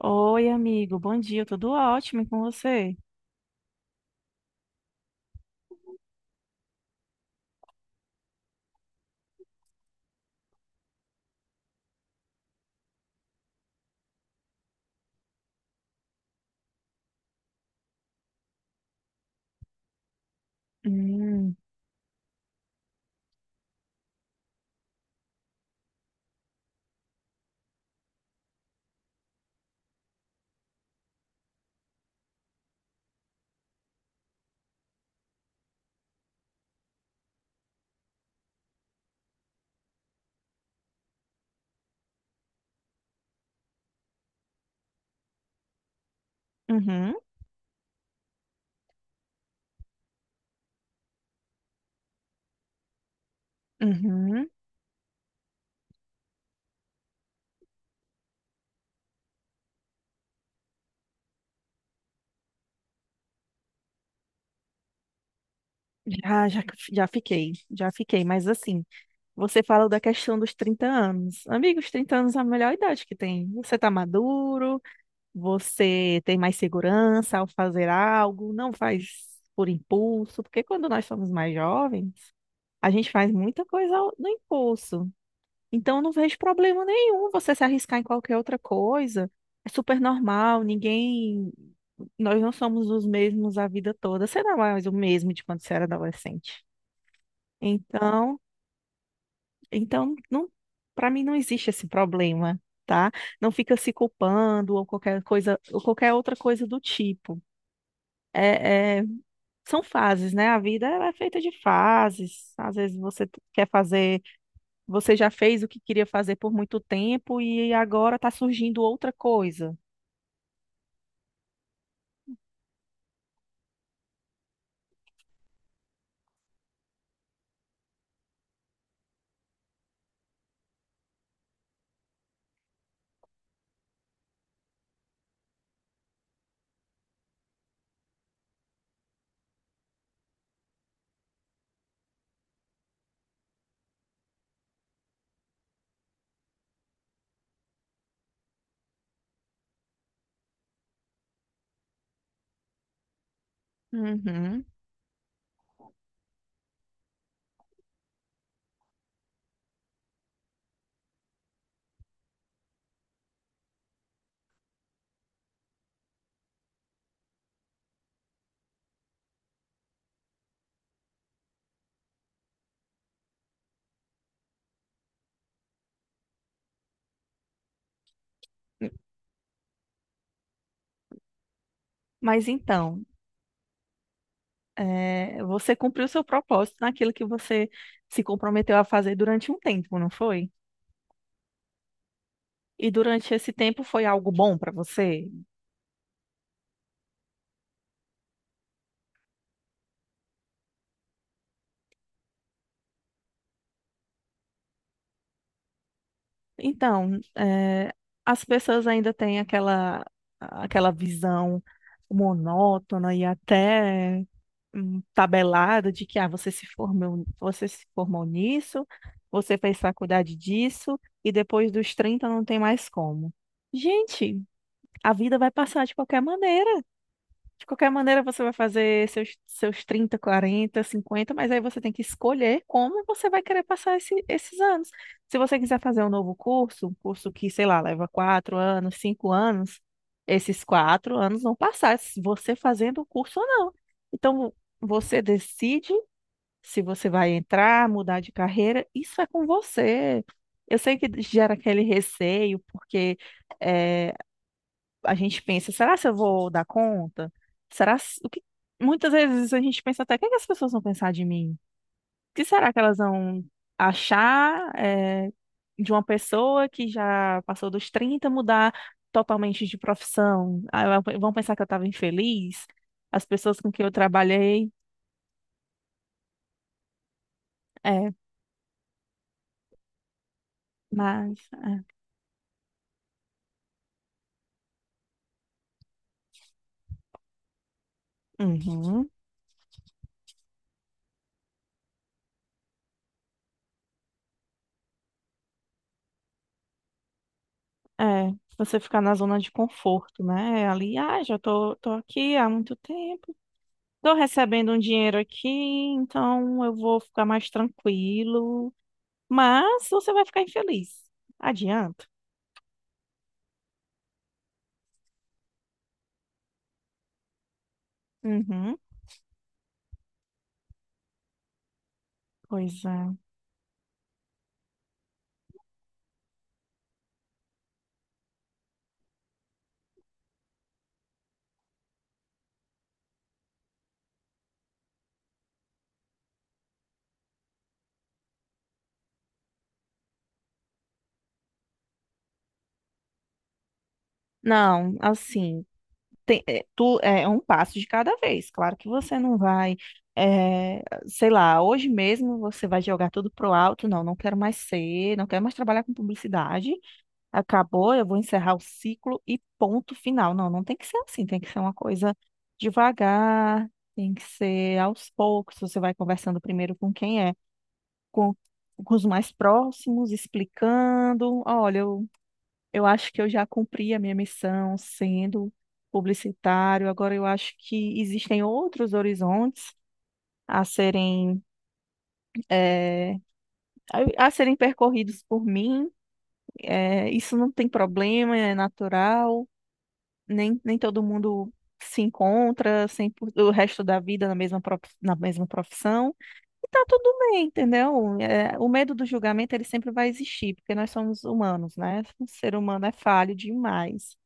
Oi, amigo, bom dia, tudo ótimo e com você? Hum, uhum, uhum. Já, já, já fiquei, mas assim, você fala da questão dos 30 anos, amigos. 30 anos é a melhor idade que tem. Você está maduro, você tem mais segurança ao fazer algo, não faz por impulso, porque quando nós somos mais jovens, a gente faz muita coisa no impulso. Então, eu não vejo problema nenhum você se arriscar em qualquer outra coisa. É super normal, ninguém. Nós não somos os mesmos a vida toda. Você não é mais o mesmo de quando você era adolescente. Então. Então, não, para mim não existe esse problema, tá? Não fica se culpando ou qualquer coisa, ou qualquer outra coisa do tipo. É, é, são fases, né? A vida ela é feita de fases. Às vezes você quer fazer, você já fez o que queria fazer por muito tempo e agora está surgindo outra coisa. Uhum. Mas então, você cumpriu seu propósito naquilo que você se comprometeu a fazer durante um tempo, não foi? E durante esse tempo foi algo bom para você? Então, as pessoas ainda têm aquela visão monótona e até tabelada de que você se formou, nisso, você fez faculdade disso, e depois dos 30 não tem mais como. Gente, a vida vai passar de qualquer maneira. De qualquer maneira, você vai fazer seus 30, 40, 50 mas aí você tem que escolher como você vai querer passar esses anos. Se você quiser fazer um novo curso, um curso que, sei lá, leva 4 anos, 5 anos, esses 4 anos vão passar, se você fazendo o curso ou não. Então, você decide se você vai entrar, mudar de carreira, isso é com você. Eu sei que gera aquele receio, porque eh, a gente pensa, será se eu vou dar conta? Será se- o que muitas vezes a gente pensa até, o que é que as pessoas vão pensar de mim? O que será que elas vão achar de uma pessoa que já passou dos 30 mudar totalmente de profissão? Ah, Vão pensar que eu estava infeliz? As pessoas com quem eu trabalhei, é, mas uhum, é, você ficar na zona de conforto, né? Ali, já tô aqui há muito tempo. Tô recebendo um dinheiro aqui, então eu vou ficar mais tranquilo. Mas você vai ficar infeliz. Adianto. Uhum. Pois é. Não, assim, tu é um passo de cada vez. Claro que você não vai, é, sei lá, hoje mesmo você vai jogar tudo pro alto. Não, não quero mais trabalhar com publicidade. Acabou, eu vou encerrar o ciclo e ponto final. Não, não tem que ser assim, tem que ser uma coisa devagar, tem que ser aos poucos. Você vai conversando primeiro com, com os mais próximos, explicando: olha, eu acho que eu já cumpri a minha missão sendo publicitário, agora eu acho que existem outros horizontes a eh, serem percorridos por mim. Isso não tem problema, é natural. Nem todo mundo se encontra sem, o resto da vida na mesma profissão. E tá tudo bem, entendeu? É, o medo do julgamento ele sempre vai existir, porque nós somos humanos, né? O ser humano é falho demais.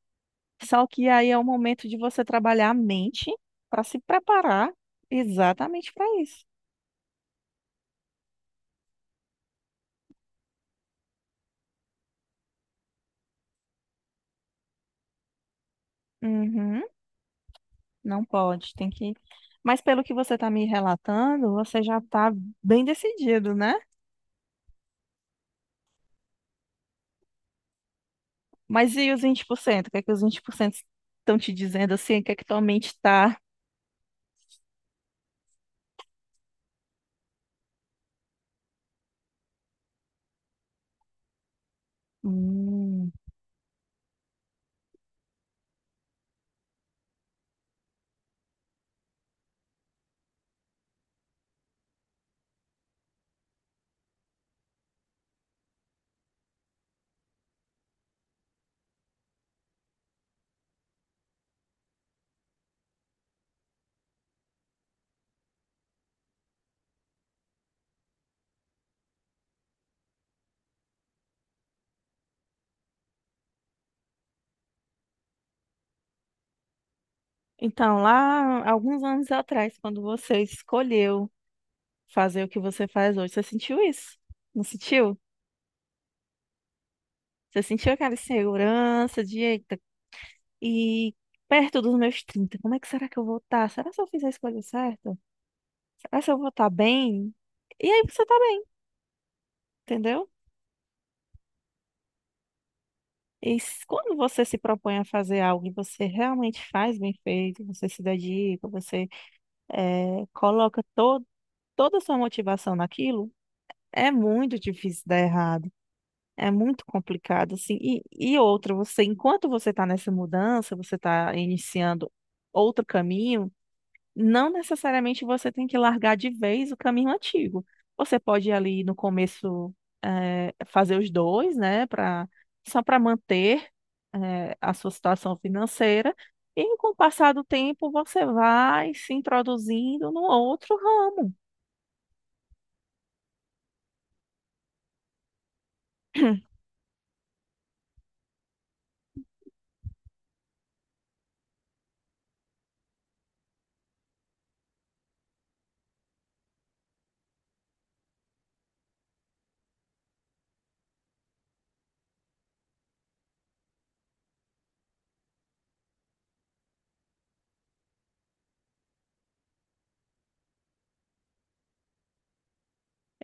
Só que aí é o momento de você trabalhar a mente para se preparar exatamente para isso. Uhum, não pode, tem que. Mas pelo que você está me relatando, você já está bem decidido, né? Mas e os 20%? O que é que os 20% estão te dizendo assim? O que é que tua mente tá? Hum. Então, lá, alguns anos atrás, quando você escolheu fazer o que você faz hoje, você sentiu isso? Não sentiu? Você sentiu aquela insegurança de, eita, e perto dos meus 30, como é que será que eu vou estar? Será que eu fiz a escolha certa? Será que eu vou estar bem? E aí você tá bem, entendeu? E quando você se propõe a fazer algo e você realmente faz bem feito, você se dedica, você coloca to toda a sua motivação naquilo, é muito difícil dar errado. É muito complicado, assim. E outra, você, enquanto você está nessa mudança, você está iniciando outro caminho, não necessariamente você tem que largar de vez o caminho antigo. Você pode ali no começo, fazer os dois, né, para só para manter, a sua situação financeira. E com o passar do tempo, você vai se introduzindo no outro ramo.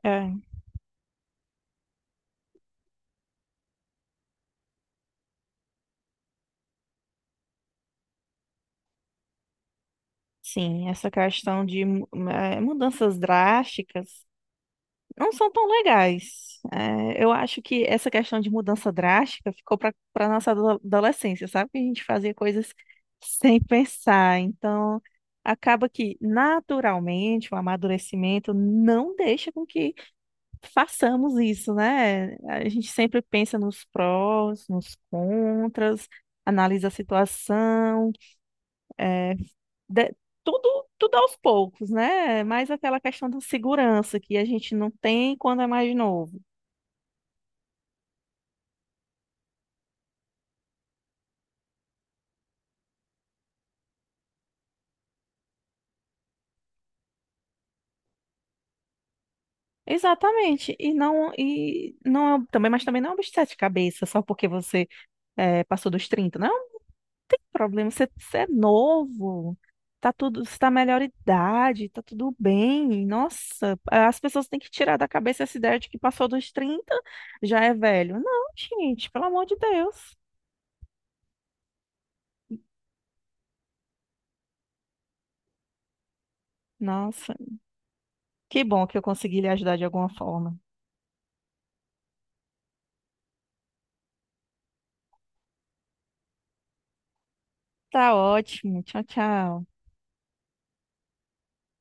É, sim, essa questão de mudanças drásticas não são tão legais. Eu acho que essa questão de mudança drástica ficou para nossa adolescência, sabe? Que a gente fazia coisas sem pensar. Então, acaba que naturalmente o amadurecimento não deixa com que façamos isso, né? A gente sempre pensa nos prós, nos contras, analisa a situação. de- tudo, tudo aos poucos, né? Mais aquela questão da segurança que a gente não tem quando é mais novo. Exatamente. E não é também, mas também não é um bicho de sete cabeças, só porque você passou dos 30. Não é um problema. Você é novo. Tá tudo, você tá melhor idade, tá tudo bem. Nossa, as pessoas têm que tirar da cabeça essa ideia de que passou dos 30 já é velho. Não, gente, pelo amor de Deus. Nossa, que bom que eu consegui lhe ajudar de alguma forma. Tá ótimo. Tchau, tchau.